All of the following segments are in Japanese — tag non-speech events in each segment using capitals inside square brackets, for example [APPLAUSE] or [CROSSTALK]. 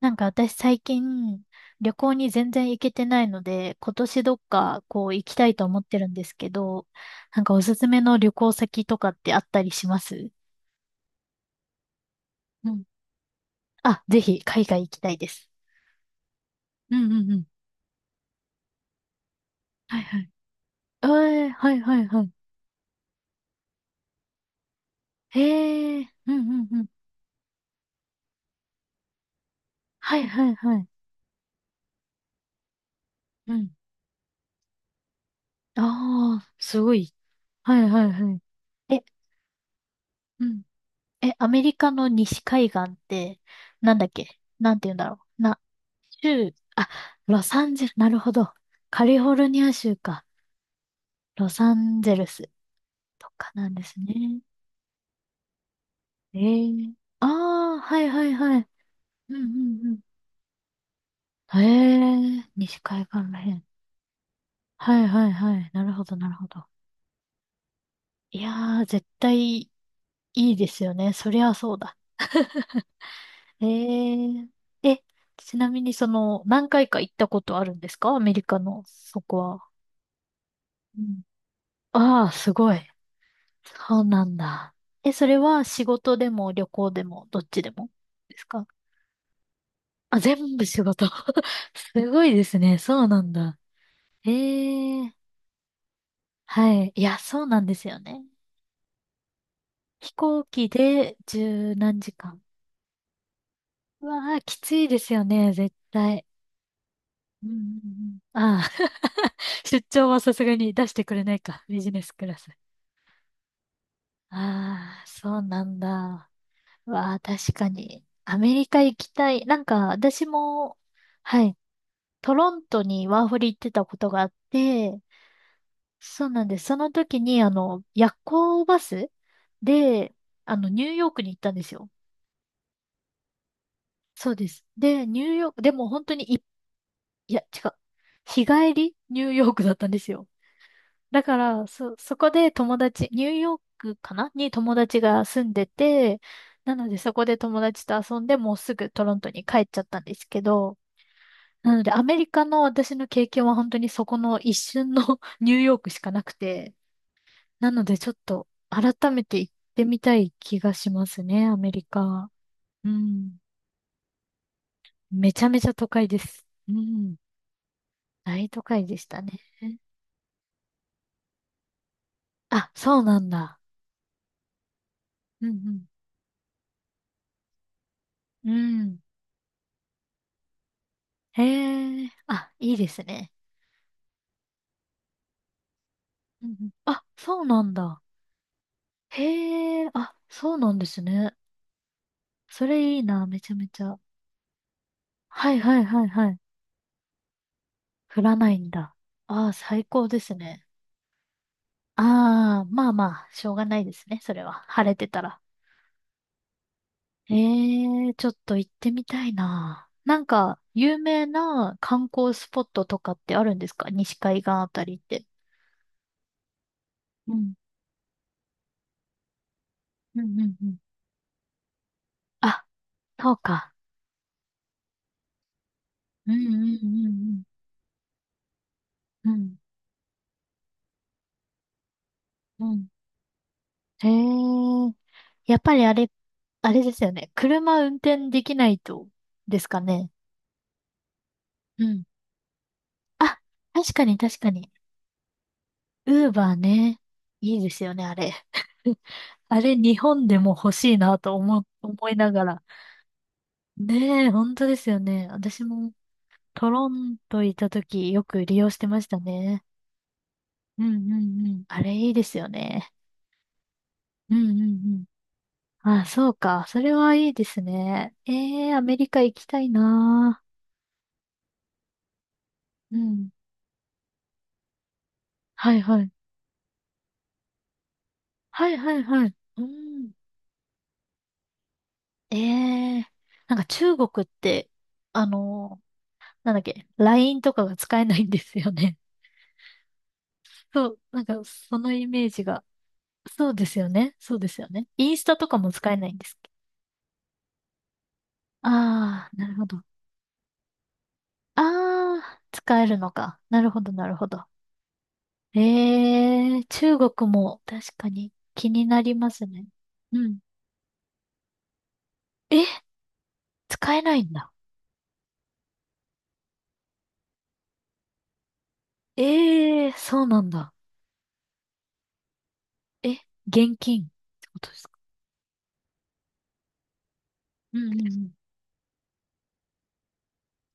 なんか私最近旅行に全然行けてないので、今年どっかこう行きたいと思ってるんですけど、なんかおすすめの旅行先とかってあったりします？うん。あ、ぜひ海外行きたいです。うんうんうん。はいはい。ええ、はいはいはい。へえ、うんうんうん。はいはいはい。うん。ああ、すごい。はいはいはい。え、うん。え、アメリカの西海岸って、なんだっけ、なんて言うんだろう。州、あ、ロサンゼル、なるほど。カリフォルニア州か。ロサンゼルスとかなんですね。えー、ああ、はいはいはい。うんうんうん。ええー、西海岸らへん。はいはいはい。なるほどなるほど。いやー、絶対いいですよね。そりゃそうだ。[LAUGHS] ええー、え、ちなみにその、何回か行ったことあるんですか？アメリカの、そこは。うん。ああ、すごい。そうなんだ。え、それは仕事でも旅行でもどっちでもですか？あ、全部仕事。[LAUGHS] すごいですね。そうなんだ。ええ、はい。いや、そうなんですよね。飛行機で十何時間。うわあ、きついですよね、絶対。うんうんうん。ああ、[LAUGHS] 出張はさすがに出してくれないか。ビジネスクラス。ああ、そうなんだ。うわあ、確かに。アメリカ行きたい。なんか、私も、はい。トロントにワーホリ行ってたことがあって、そうなんです。その時に、夜行バスで、ニューヨークに行ったんですよ。そうです。で、ニューヨーク、でも本当に、いや、違う。日帰りニューヨークだったんですよ。だから、そこで友達、ニューヨークかなに友達が住んでて、なのでそこで友達と遊んでもうすぐトロントに帰っちゃったんですけど、なので、アメリカの私の経験は本当にそこの一瞬の [LAUGHS] ニューヨークしかなくて、なのでちょっと改めて行ってみたい気がしますね、アメリカ。うん。めちゃめちゃ都会です。うん。大都会でしたね。あ、そうなんだ。うんうん。うん。へえ。あ、いいですね。うんうん。あ、そうなんだ。へえ。あ、そうなんですね。それいいな、めちゃめちゃ。はいはいはいはい。降らないんだ。ああ、最高ですね。ああ、まあまあ、しょうがないですね、それは。晴れてたら。ええ、ちょっと行ってみたいな。なんか、有名な観光スポットとかってあるんですか、西海岸あたりって？うん、うん、うん、うん。あ、そうか。うん、うん、うん、うん、うん、うん。へえ、やっぱりあれ、あれですよね。車運転できないと、ですかね。うん。あ、確かに確かに。ウーバーね。いいですよね、あれ。[LAUGHS] あれ、日本でも欲しいなと思う、思いながら。ねえ、本当ですよね。私もトロント行った時よく利用してましたね。うんうんうん。あれいいですよね。うんうんうん。あ、そうか。それはいいですね。ええ、アメリカ行きたいなぁ。うん。はいはい。はいはいはい。うん。ええ、なんか中国って、あのなんだっけ、LINE とかが使えないんですよね。[LAUGHS] そう、なんかそのイメージが。そうですよね。そうですよね。インスタとかも使えないんですっけ？ああー、なるほど。ああ、使えるのか。なるほど、なるほど。ええー、中国も確かに気になりますね。うん。え、使えないんだ。ええー、そうなんだ。え、現金ってことですか？うんうんうん。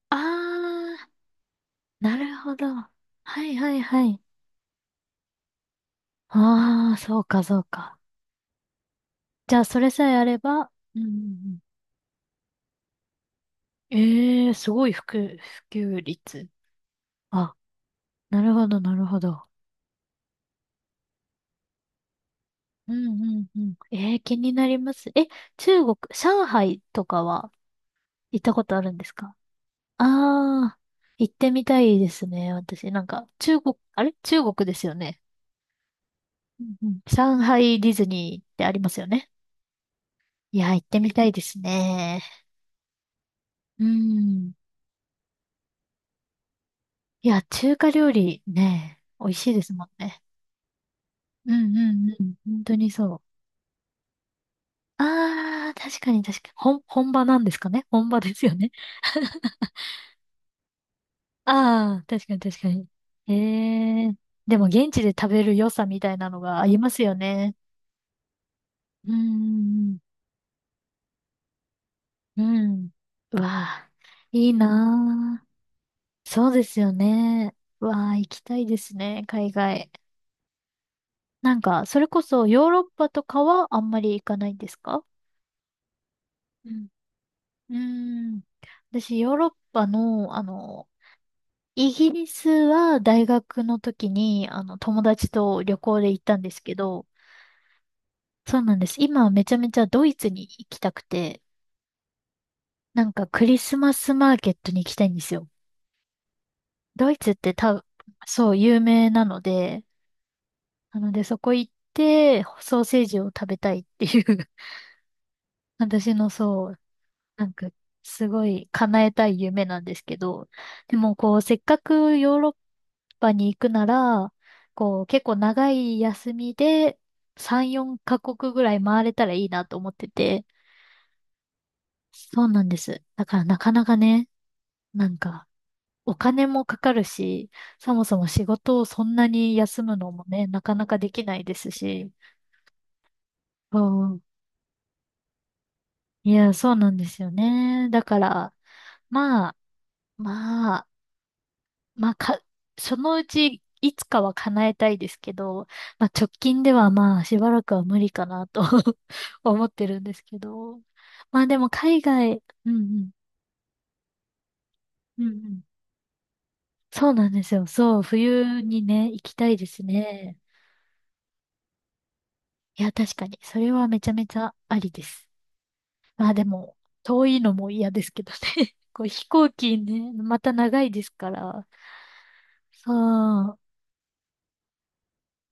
ああ、なるほど。はいはいはい。ああ、そうかそうか。じゃあ、それさえあれば、うんうんうん。ええー、すごい普及率。あ、なるほど、なるほど。うんうんうん。ええー気になります。え、中国、上海とかは行ったことあるんですか？ああー、行ってみたいですね、私。なんか、中国、あれ中国ですよね。うんうん。上海ディズニーってありますよね。いや、行ってみたいですね。うん。いや、中華料理ね、美味しいですもんね。うんうんうん。本当にそう。ああ、確かに確かに。本場なんですかね？本場ですよね。[LAUGHS] ああ、確かに確かに。ええ、でも現地で食べる良さみたいなのがありますよね。うん、うん、うん。うわあ、いいなあ。そうですよね。うわあ、行きたいですね、海外。なんか、それこそヨーロッパとかはあんまり行かないんですか？うん。うーん。私、ヨーロッパの、イギリスは大学の時に、友達と旅行で行ったんですけど、そうなんです。今はめちゃめちゃドイツに行きたくて、なんかクリスマスマーケットに行きたいんですよ。ドイツって、そう、有名なので、なのでそこ行って、ソーセージを食べたいっていう [LAUGHS] 私のそう、なんか、すごい叶えたい夢なんですけど、でもこう、せっかくヨーロッパに行くなら、こう、結構長い休みで3、4カ国ぐらい回れたらいいなと思ってて、そうなんです。だからなかなかね、なんか、お金もかかるし、そもそも仕事をそんなに休むのもね、なかなかできないですし、そうん。いや、そうなんですよね。だから、まあ、まあ、まあ、か、そのうちいつかは叶えたいですけど、まあ、直近ではまあ、しばらくは無理かなと [LAUGHS] 思ってるんですけど。まあでも海外、うんうん、うんうん。そうなんですよ。そう、冬にね、行きたいですね。いや、確かに、それはめちゃめちゃありです。まあでも、遠いのも嫌ですけどね。[LAUGHS] こう飛行機ね、また長いですから。そう。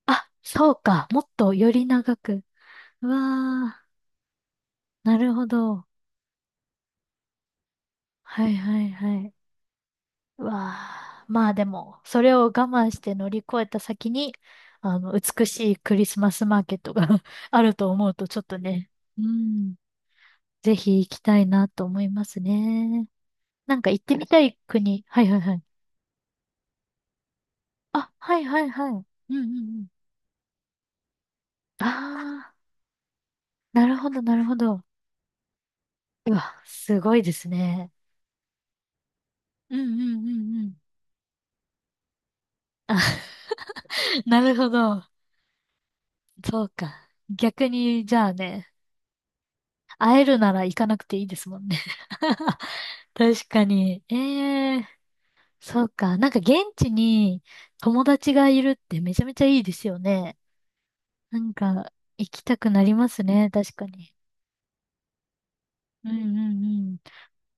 あ、そうか。もっとより長く。うわー。なるほど。はいはいはい。うわあ、まあでも、それを我慢して乗り越えた先に、美しいクリスマスマーケットが [LAUGHS] あると思うと、ちょっとね、うん、ぜひ行きたいなと思いますね。なんか行ってみたい国。はいはいはい。あ、はいはいはい。うんうんうん。ああ、なるほどなるほど。うわ、すごいですね。うんうんうんうん。あ、[LAUGHS] なるほど。そうか。逆に、じゃあね、会えるなら行かなくていいですもんね。[LAUGHS] 確かに。ええー、そうか。なんか現地に友達がいるってめちゃめちゃいいですよね。なんか行きたくなりますね。確かに。うんうんうん。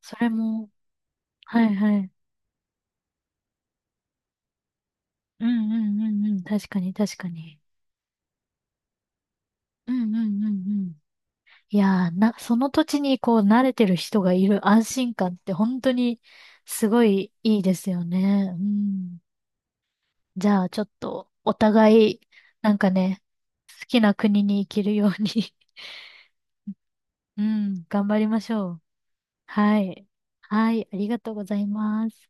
それも、はいはい。うんうんうんうん。確かに確かに。うんうんうんうん。いやー、その土地にこう慣れてる人がいる安心感って本当にすごいいいですよね。うん。じゃあ、ちょっと、お互い、なんかね、好きな国に行けるように、 [LAUGHS] うん、頑張りましょう。はい。はい、ありがとうございます。